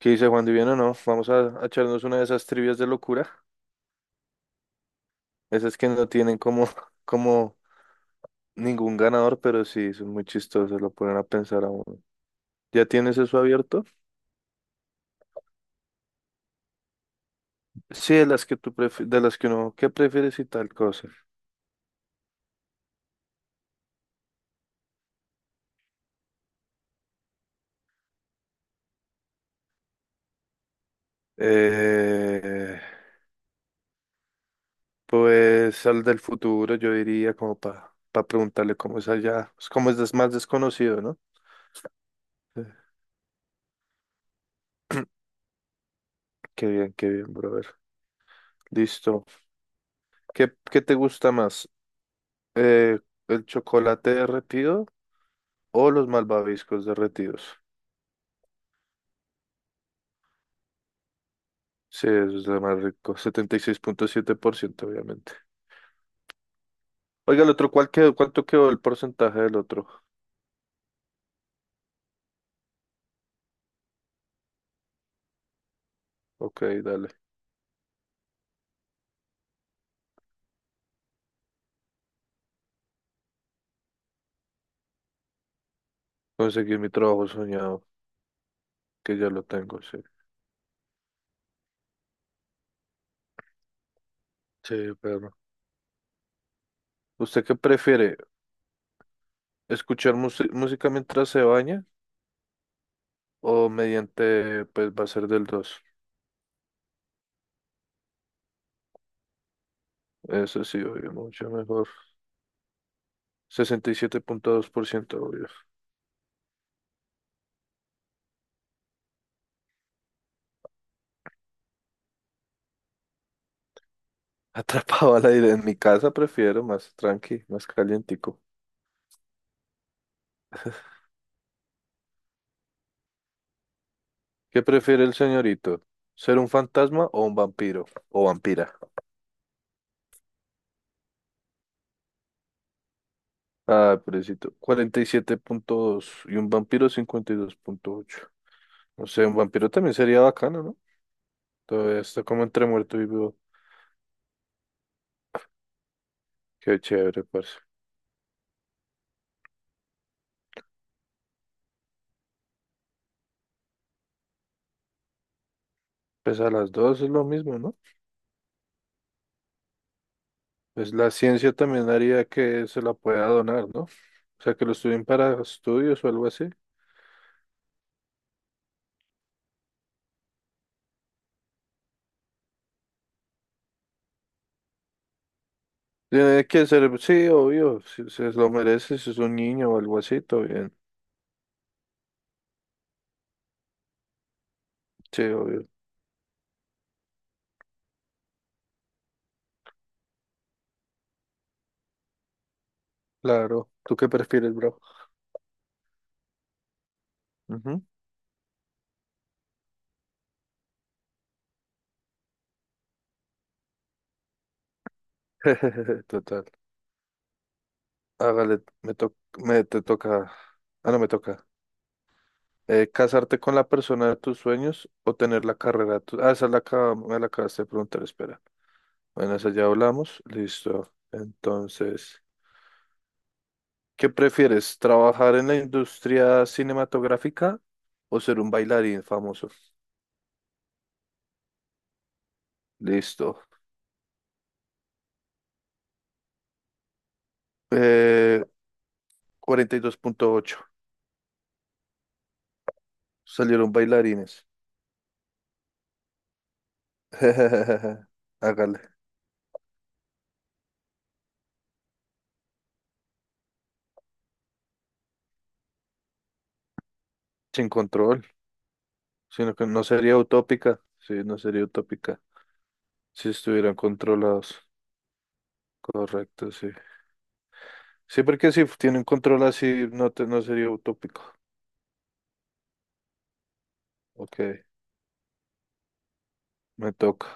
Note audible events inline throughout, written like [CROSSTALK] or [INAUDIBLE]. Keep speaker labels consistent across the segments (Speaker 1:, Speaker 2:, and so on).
Speaker 1: ¿Qué dice Juan Divino? No, vamos a echarnos una de esas trivias de locura. Esas que no tienen como, [LAUGHS] como ningún ganador, pero sí, son muy chistosas, lo ponen a pensar a uno. ¿Ya tienes eso abierto? Sí, de las que tú prefieres, de las que uno, ¿qué prefieres y tal cosa? Eh, pues al del futuro, yo diría, como para preguntarle cómo es allá, pues, cómo es más desconocido, ¿no? Eh, qué bien, brother. Listo. ¿Qué te gusta más? Eh, ¿El chocolate derretido? O los malvaviscos derretidos. Sí, eso es lo más rico. 76,7% obviamente. Oiga, el otro, ¿cuál quedó? ¿Cuánto quedó el porcentaje del otro? Ok, dale. Conseguí mi trabajo soñado, que ya lo tengo, sí. Sí, perro. ¿Usted qué prefiere? ¿Escuchar música mientras se baña? O mediante, pues va a ser del dos. Eso sí, obvio, mucho mejor. 67,2% obvio. [LAUGHS] Atrapado al aire en mi casa, prefiero más tranqui, más calientico. ¿Qué prefiere el señorito? ¿Ser un fantasma o un vampiro? O vampira. Ah, pobrecito. 47,2 y un vampiro 52,8. No sé, un vampiro también sería bacano, ¿no? Todavía está como entre muerto y vivo. Qué chévere, parce. Pues a las dos es lo mismo, ¿no? Pues la ciencia también haría que se la pueda donar, ¿no? O sea, que lo estudien para estudios o algo así. Tiene que ser, sí, obvio. Si se lo merece, si es un niño o algo así, todo bien. Sí, obvio. Claro. ¿Tú qué prefieres, bro? Ujú. [LAUGHS] Total. Hágale, me te toca. Ah, no, me toca. ¿Casarte con la persona de tus sueños o tener la carrera de ah, me la acabaste de preguntar, espera. Bueno, esa ya hablamos. Listo. Entonces, ¿qué prefieres? ¿Trabajar en la industria cinematográfica o ser un bailarín famoso? Listo. Eh, 42,8. Salieron bailarines. [LAUGHS] Hágale. Sin control. Sino que no sería utópica, sí, no sería utópica si estuvieran controlados. Correcto, sí. Sí, porque si tienen control así, no, no sería utópico. Ok, me toca.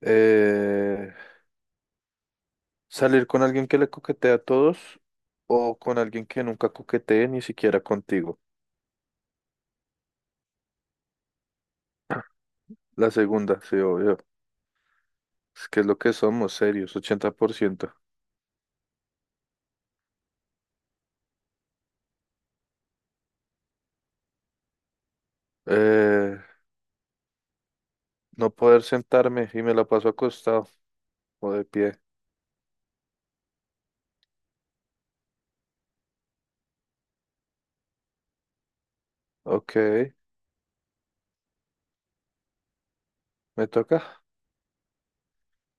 Speaker 1: Eh, ¿Salir con alguien que le coquetea a todos o con alguien que nunca coquetee ni siquiera contigo? La segunda, sí, obvio. Es que es lo que somos, serios, 80%. Eh, no poder sentarme y me la paso acostado o de pie. Ok, me toca.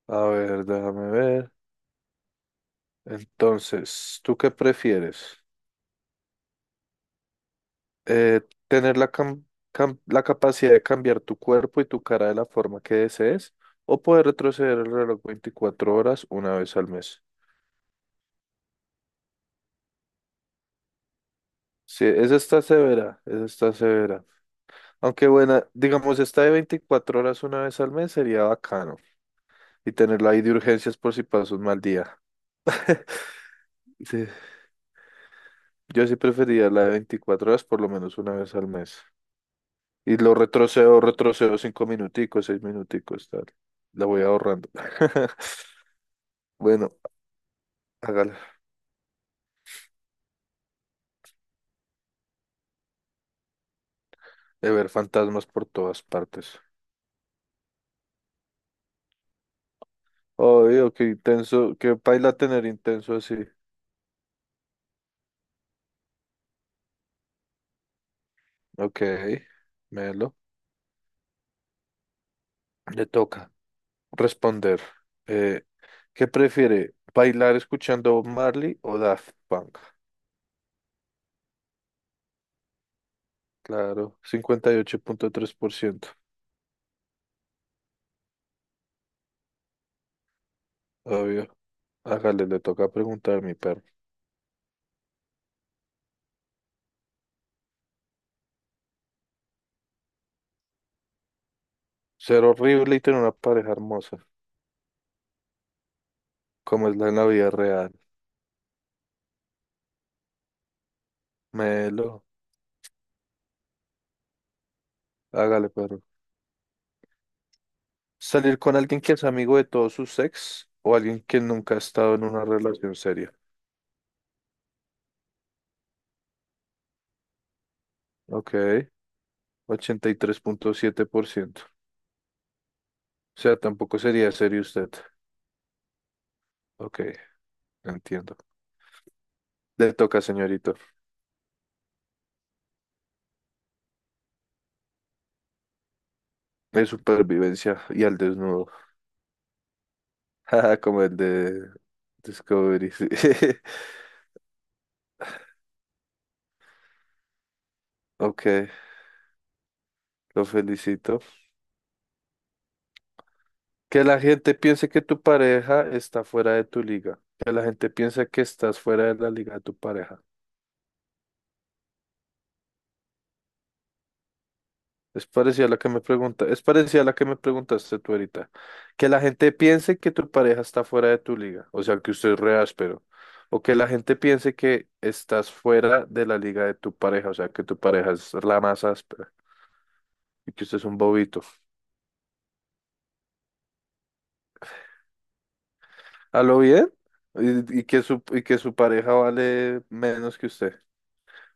Speaker 1: A ver, déjame ver. Entonces, ¿tú qué prefieres? Eh, ¿Tener la capacidad de cambiar tu cuerpo y tu cara de la forma que desees? ¿O poder retroceder el reloj 24 horas una vez al mes? Sí, esa está severa, esa está severa. Aunque buena, digamos, esta de 24 horas una vez al mes sería bacano. Y tenerla ahí de urgencias por si pasas un mal día. Sí. Yo sí preferiría la de 24 horas por lo menos una vez al mes. Y lo retrocedo, retrocedo cinco minuticos, seis minuticos, tal. La voy ahorrando. [LAUGHS] Bueno, hágala. De ver fantasmas por todas partes. Obvio, qué intenso, qué paila tener intenso así. Ok, melo. Le toca responder. Eh, ¿Qué prefiere? ¿Bailar escuchando Bob Marley o Daft Punk? Claro, 58,3%. Obvio. Hágale, le toca preguntar a mi perro. Ser horrible y tener una pareja hermosa, como es la en la vida real. Melo, hágale, perro. Salir con alguien que es amigo de todos sus ex o alguien que nunca ha estado en una relación seria. Ok, 83,7%. O sea, tampoco sería serio usted. Ok, entiendo. Le toca, señorito. De supervivencia y al desnudo. [LAUGHS] Jaja, como el de Discovery, sí. [LAUGHS] Ok, lo felicito. Que la gente piense que tu pareja está fuera de tu liga. Que la gente piense que estás fuera de la liga de tu pareja. Es parecida a la que me pregunta, es parecida a la que me preguntaste tú ahorita. Que la gente piense que tu pareja está fuera de tu liga, o sea, que usted es re áspero. O que la gente piense que estás fuera de la liga de tu pareja, o sea, que tu pareja es la más áspera y que usted es un bobito. ¿A lo bien? Y que y que su pareja vale menos que usted.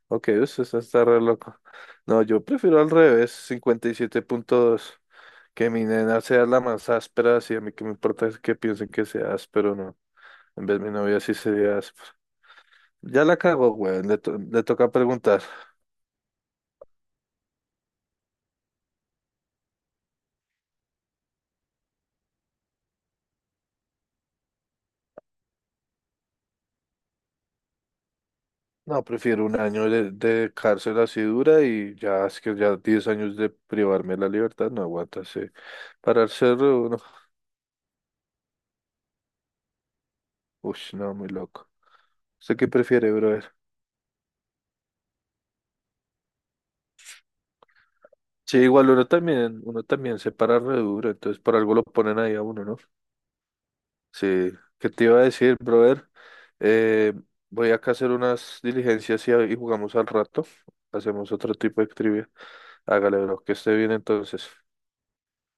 Speaker 1: Ok, está re loco. No, yo prefiero al revés, 57.2. Que mi nena sea la más áspera, sí, a mí que me importa es que piensen que sea áspero, no. En vez de mi novia sí sería áspera. Ya la cago, weón, le toca preguntar. No, prefiero 1 año de cárcel así dura y ya, es que ya 10 años de privarme de la libertad, no aguanta, sí. Para el cerro, uno, uff, no, muy loco. ¿Usted qué prefiere, brother? Sí, igual uno también se para re duro, entonces por algo lo ponen ahí a uno, ¿no? Sí, ¿qué te iba a decir, brother? Eh, Voy acá a hacer unas diligencias y jugamos al rato. Hacemos otro tipo de trivia. Hágale, bro, que esté bien entonces.